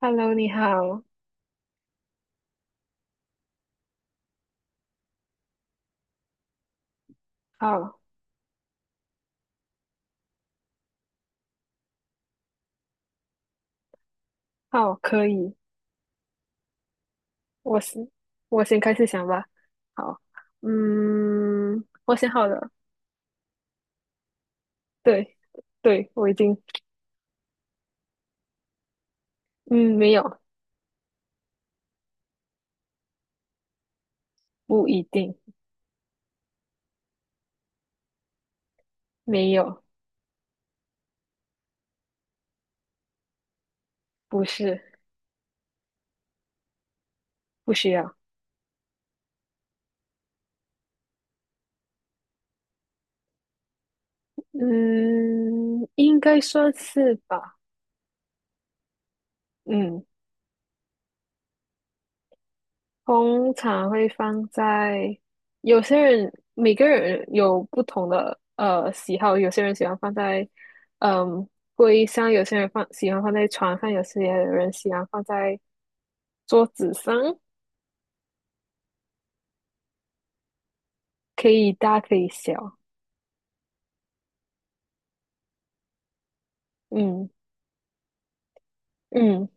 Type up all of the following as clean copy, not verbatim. Hello，你好，好，好，可以，我是我先开始想吧。好，嗯，我想好了，对，对，我已经，嗯，没有，不一定，没有，不是，不需要，嗯，应该算是吧，嗯，通常会放在有些人，每个人有不同的喜好，有些人喜欢放在嗯柜上，有些人放喜欢放在床上，有些人喜欢放在桌子上，可以大可以小。嗯嗯，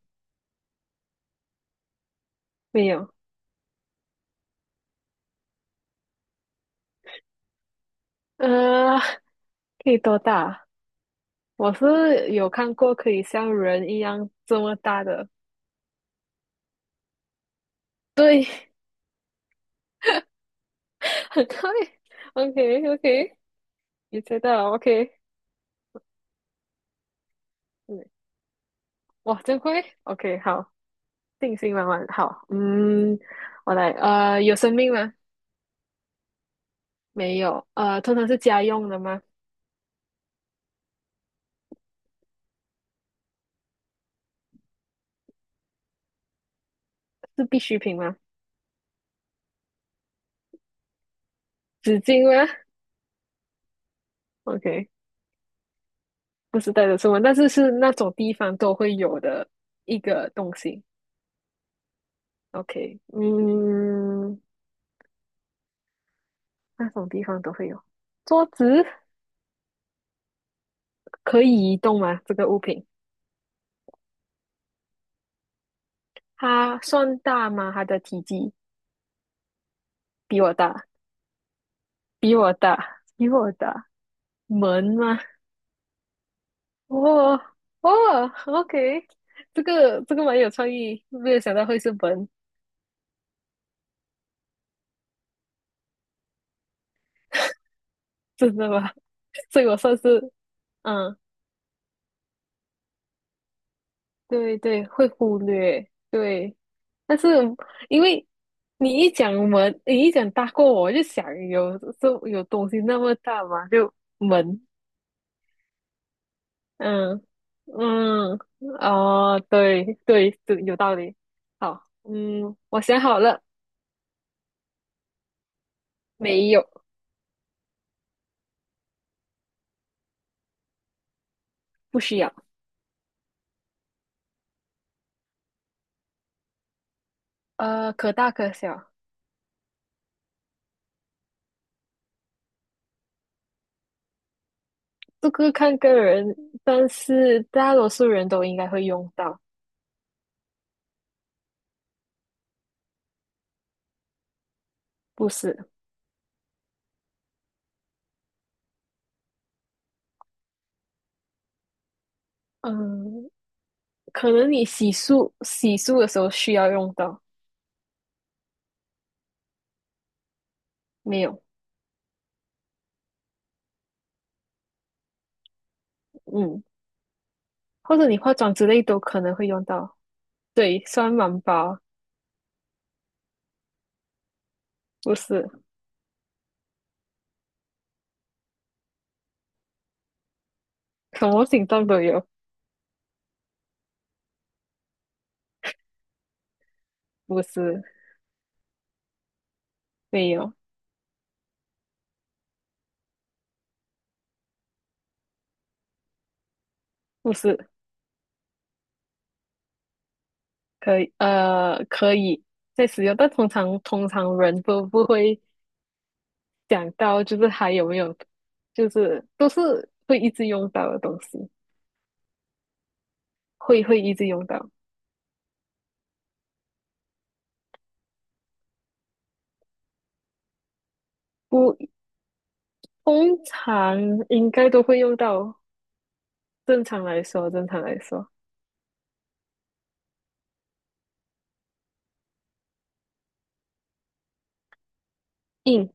没有，呃，可以多大？我是有看过可以像人一样这么大的，对，很快，OK OK，你猜到 OK，嗯，哇，真快，OK，好。定心丸丸，好，嗯，我来，有生命吗？没有，通常是家用的吗？是必需品吗？纸巾吗？OK，不是带着出门，但是是那种地方都会有的一个东西。OK，嗯，那种地方都会有。桌子可以移动吗？这个物品它算大吗？它的体积比我大，比我大，比我大。门吗？哦哦，OK，这个蛮有创意，没有想到会是门，真的吗？所以我算是，嗯，对对，会忽略，对。但是因为你一讲门，你一讲大过我，我就想有这有东西那么大嘛，就门，嗯嗯，哦，对对对，有道理。好，嗯，我想好了，没有，不需要，可大可小，这个看个人，但是大多数人都应该会用到，不是？嗯，可能你洗漱的时候需要用到，没有，嗯，或者你化妆之类都可能会用到。对，酸满包不是，什么形状都有，不是，没有，不是，可以，可以在使用，但通常人都不会想到，就是还有没有，就是都是会一直用到的东西，会一直用到。不，通常应该都会用到。正常来说，正常来说，嗯，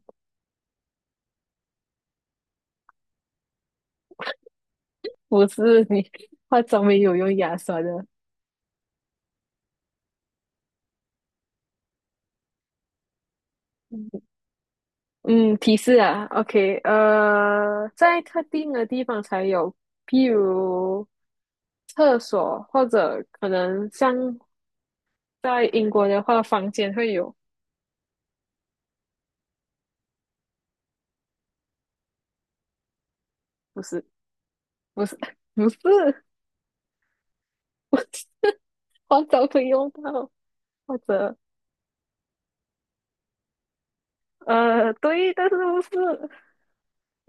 不是你 化妆没有用牙刷的。嗯，提示啊，OK，在特定的地方才有，譬如厕所，或者可能像在英国的话，房间会有，不是，不是，不是，不是，化妆会用到，或者对，但是不是。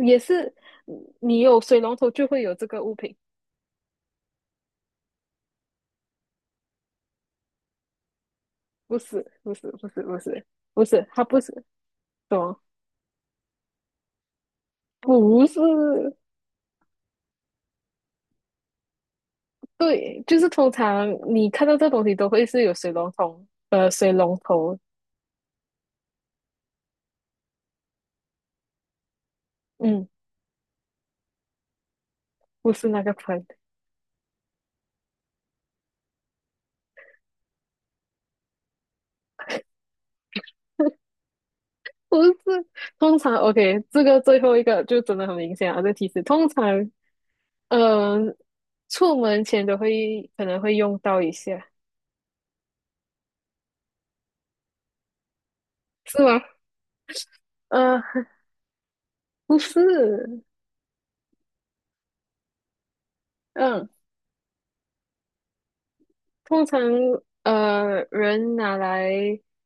也是，嗯你有水龙头就会有这个物品，不是，不是，不是，不是，不是，它不是，什么？不是，对，就是通常你看到这东西都会是有水龙头，呃，水龙头，嗯，不是那个盆，不是，通常，OK，这个最后一个就真的很明显啊，这提示，通常，嗯、呃出门前都会可能会用到一下，是吗？嗯，不是，嗯、通常人拿来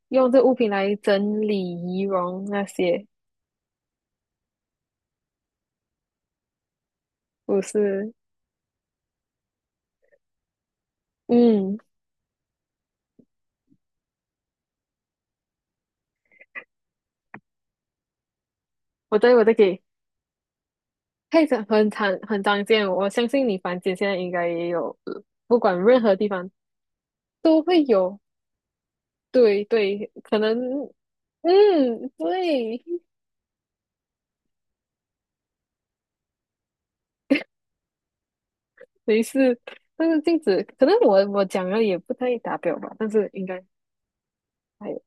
用这物品来整理仪容那些，不是？嗯，我在给，配着很常见，我相信你房间现在应该也有，不管任何地方都会有。对对，可能嗯，对，没事。但是镜子，可能我讲了也不太达标吧，但是应该还有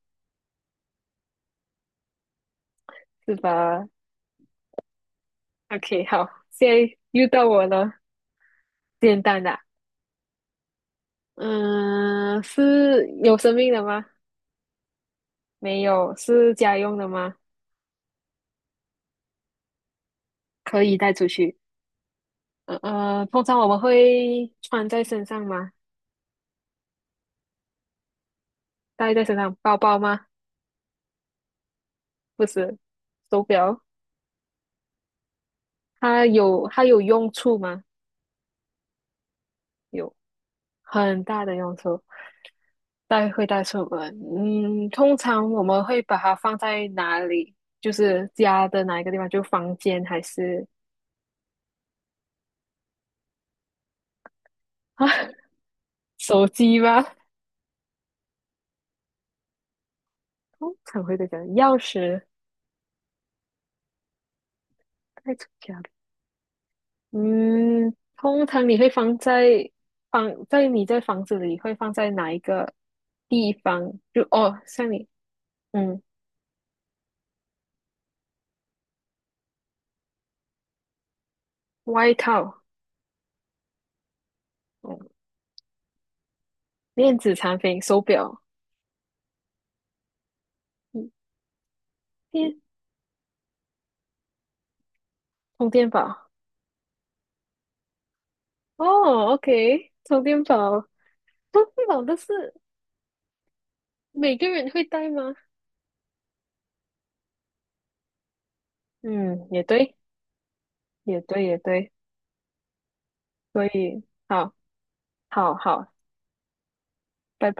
是吧？OK，好，现在又到我了，简单的。嗯、是有生命的吗？没有，是家用的吗？可以带出去。通常我们会穿在身上吗？戴在身上，包包吗？不是，手表。它有用处吗？有很大的用处，带会带出门。嗯，通常我们会把它放在哪里？就是家的哪一个地方？就房间还是啊 手机吗？通常会在家，钥匙带出家嗯，通常你会放在你在房子里会放在哪一个地方？就哦，像你，嗯，外套，嗯，电子产品，手表，嗯，电充电宝。哦，OK，充电宝，充电宝都是每个人会带吗？嗯，也对，也对，也对，所以好，好，好，拜拜。